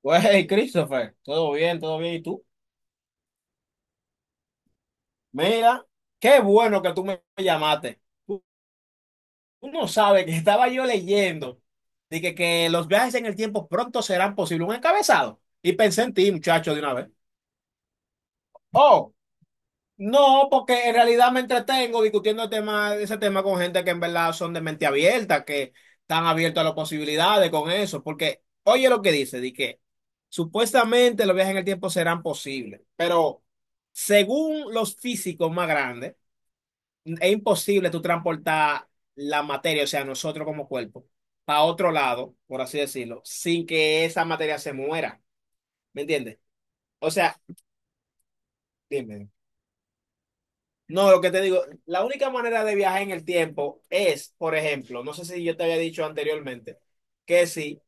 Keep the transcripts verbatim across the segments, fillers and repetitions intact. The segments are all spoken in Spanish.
Pues, hey, Christopher, todo bien, todo bien. ¿Y tú? Mira, qué bueno que tú me llamaste. Tú tú no sabes que estaba yo leyendo de que, que los viajes en el tiempo pronto serán posibles. Un encabezado. Y pensé en ti, muchacho, de una vez. Oh, no, porque en realidad me entretengo discutiendo el tema, ese tema con gente que en verdad son de mente abierta, que están abiertos a las posibilidades con eso. Porque, oye lo que dice, de que supuestamente los viajes en el tiempo serán posibles, pero. Según los físicos más grandes, es imposible tú transportar la materia, o sea, nosotros como cuerpo, a otro lado, por así decirlo, sin que esa materia se muera. ¿Me entiendes? O sea, dime. No, lo que te digo, la única manera de viajar en el tiempo es, por ejemplo, no sé si yo te había dicho anteriormente, que si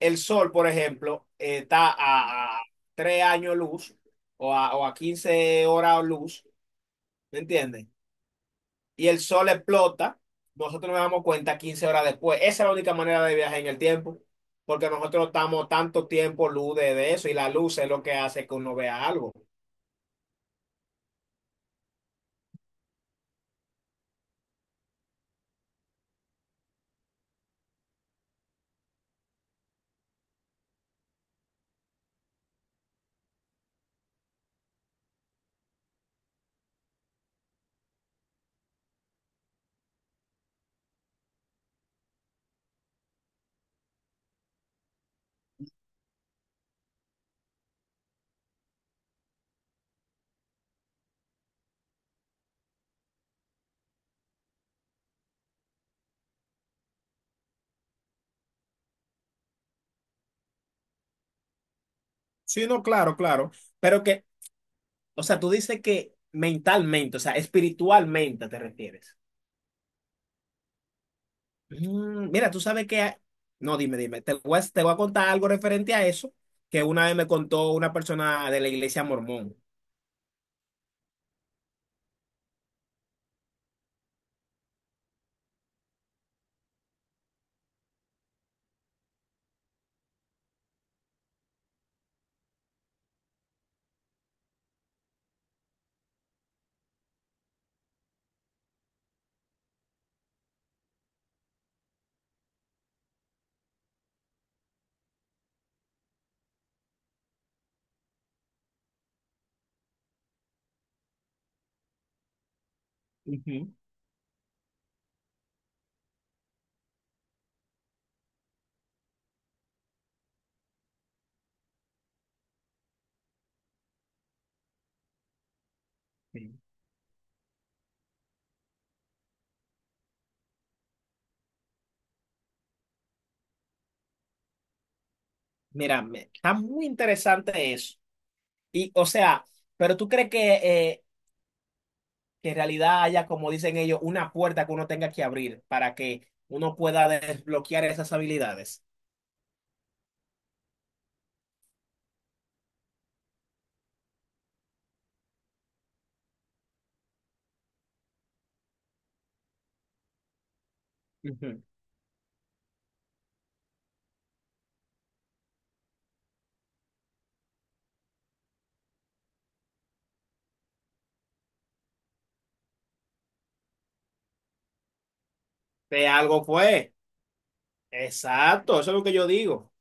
el sol, por ejemplo, eh, está a, a tres años luz o a, o a quince horas luz, ¿me entiendes? Y el sol explota, nosotros nos damos cuenta quince horas después. Esa es la única manera de viajar en el tiempo, porque nosotros estamos tanto tiempo luz de, de eso, y la luz es lo que hace que uno vea algo. Sí, no, claro, claro. Pero que, o sea, tú dices que mentalmente, o sea, espiritualmente te refieres. Mm, mira, tú sabes que hay- No, dime, dime. Te voy a, te voy a contar algo referente a eso que una vez me contó una persona de la iglesia mormón. Ujú. Sí. Mira, me- está muy interesante eso. Y, o sea, pero tú crees que, eh, que en realidad haya, como dicen ellos, una puerta que uno tenga que abrir para que uno pueda desbloquear esas habilidades. Ujú. De algo fue. Exacto, eso es lo que yo digo.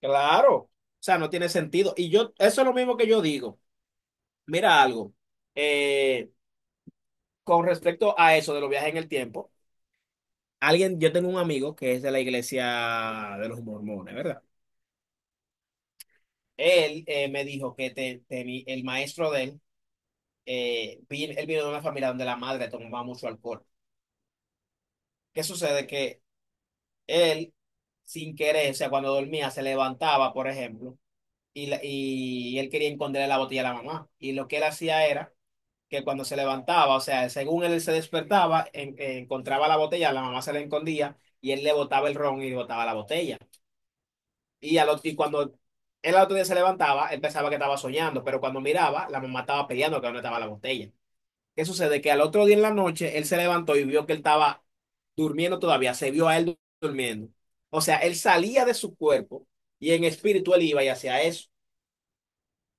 Claro. O sea, no tiene sentido. Y yo, eso es lo mismo que yo digo. Mira algo. eh, con respecto a eso de los viajes en el tiempo, alguien, yo tengo un amigo que es de la iglesia de los mormones, ¿verdad? Él eh, me dijo que te- teni- el maestro de él eh, vi- él vino de una familia donde la madre tomaba mucho alcohol. ¿Qué sucede? Que él, sin querer, o sea, cuando dormía, se levantaba, por ejemplo, y, la- y él quería esconderle la botella a la mamá. Y lo que él hacía era que cuando se levantaba, o sea, según él se despertaba, en- eh, encontraba la botella, la mamá se la escondía y él le botaba el ron y le botaba la botella. Y, al otro- y cuando él al otro día se levantaba, él pensaba que estaba soñando, pero cuando miraba, la mamá estaba peleando que no estaba la botella. ¿Qué sucede? Que al otro día en la noche él se levantó y vio que él estaba durmiendo todavía, se vio a él durmiendo. O sea, él salía de su cuerpo y en espíritu él iba y hacía eso.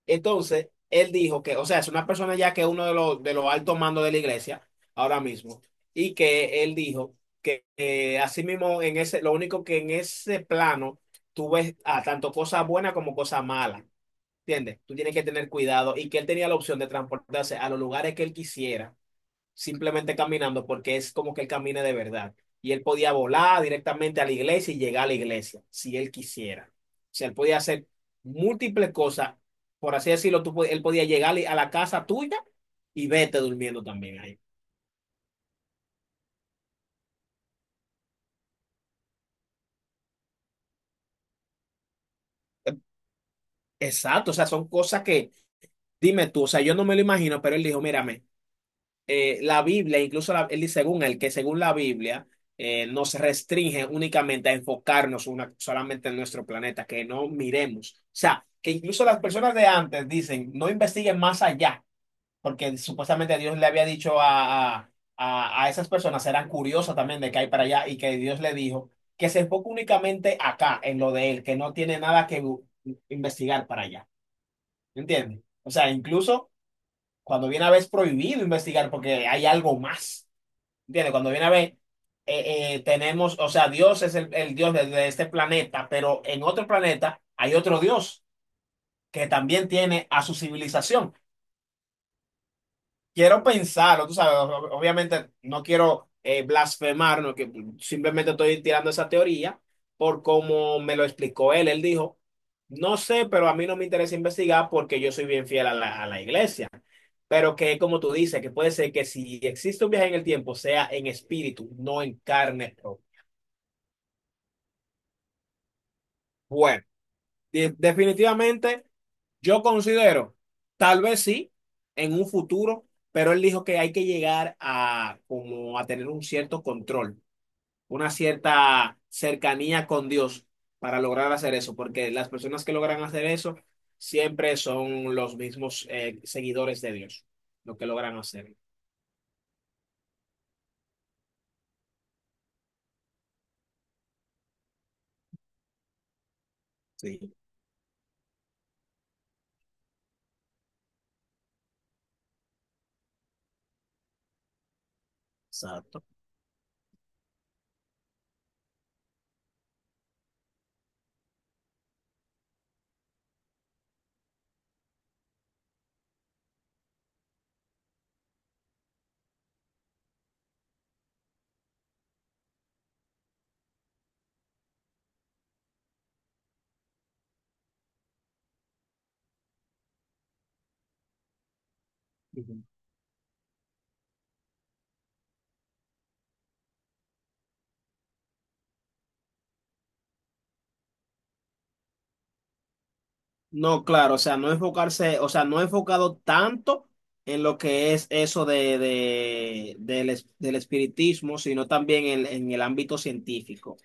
Entonces, él dijo que, o sea, es una persona ya que es uno de los, de los altos mandos de la iglesia ahora mismo, y que él dijo que eh, así mismo en ese, lo único que en ese plano tú ves, ah, tanto cosas buenas como cosas malas, ¿entiendes? Tú tienes que tener cuidado, y que él tenía la opción de transportarse a los lugares que él quisiera simplemente caminando porque es como que él camine de verdad. Y él podía volar directamente a la iglesia y llegar a la iglesia, si él quisiera. O sea, él podía hacer múltiples cosas, por así decirlo, tú, pod- él podía llegar a la casa tuya y vete durmiendo también ahí. Exacto, o sea, son cosas que, dime tú, o sea, yo no me lo imagino, pero él dijo, mírame. eh, la Biblia, incluso la- él dice, según él, que según la Biblia, eh, nos restringe únicamente a enfocarnos una- solamente en nuestro planeta, que no miremos. O sea, que incluso las personas de antes dicen, no investiguen más allá, porque supuestamente Dios le había dicho a, a, a- a esas personas, eran curiosas también de que hay para allá, y que Dios le dijo que se enfoque únicamente acá, en lo de él, que no tiene nada que bu- investigar para allá. ¿Entiendes? O sea, incluso cuando viene a ver es prohibido investigar porque hay algo más. ¿Entiendes? Cuando viene a ver, eh, eh, tenemos, o sea, Dios es el, el Dios de, de este planeta, pero en otro planeta hay otro Dios que también tiene a su civilización. Quiero pensarlo, tú sabes, o- obviamente no quiero, eh, blasfemar, no, que simplemente estoy tirando esa teoría por cómo me lo explicó él. Él dijo, no sé, pero a mí no me interesa investigar porque yo soy bien fiel a la, a la iglesia. Pero que como tú dices, que puede ser que si existe un viaje en el tiempo, sea en espíritu, no en carne propia. Bueno, de- definitivamente yo considero, tal vez sí, en un futuro, pero él dijo que hay que llegar a como a tener un cierto control, una cierta cercanía con Dios para lograr hacer eso, porque las personas que logran hacer eso siempre son los mismos eh, seguidores de Dios, lo que logran hacer. Sí, exacto. Ujú. No, claro, o sea, no enfocarse, o sea, no enfocado tanto en lo que es eso de, de- del, es- del espiritismo, sino también en, en el ámbito científico.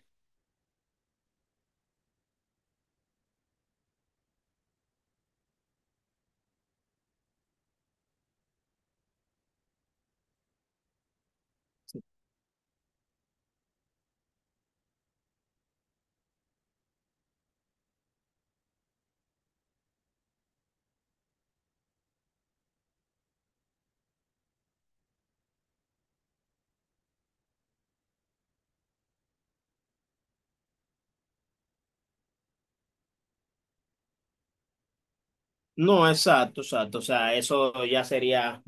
No, exacto, exacto, o sea, eso ya sería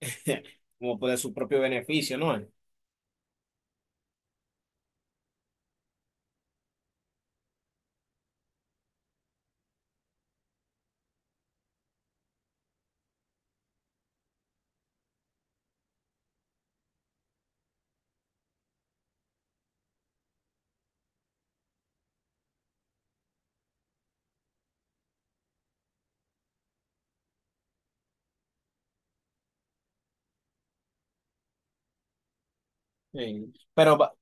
como por su propio beneficio, ¿no? Sí. Pero va-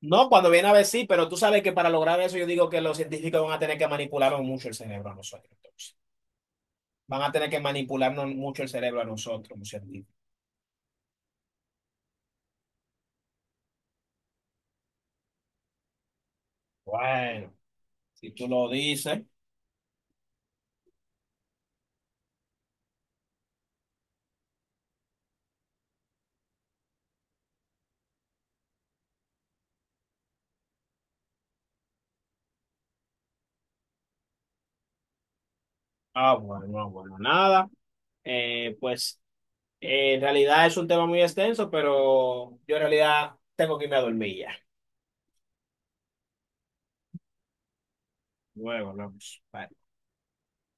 no, cuando viene a ver sí, pero tú sabes que para lograr eso yo digo que los científicos van a tener que manipularnos mucho el cerebro a nosotros, entonces. Van a tener que manipularnos mucho el cerebro a nosotros, los científicos. Bueno, si tú lo dices. Ah, bueno, no, bueno, nada. Eh, pues eh, en realidad es un tema muy extenso, pero yo en realidad tengo que irme a dormir ya. Luego vamos. Bye.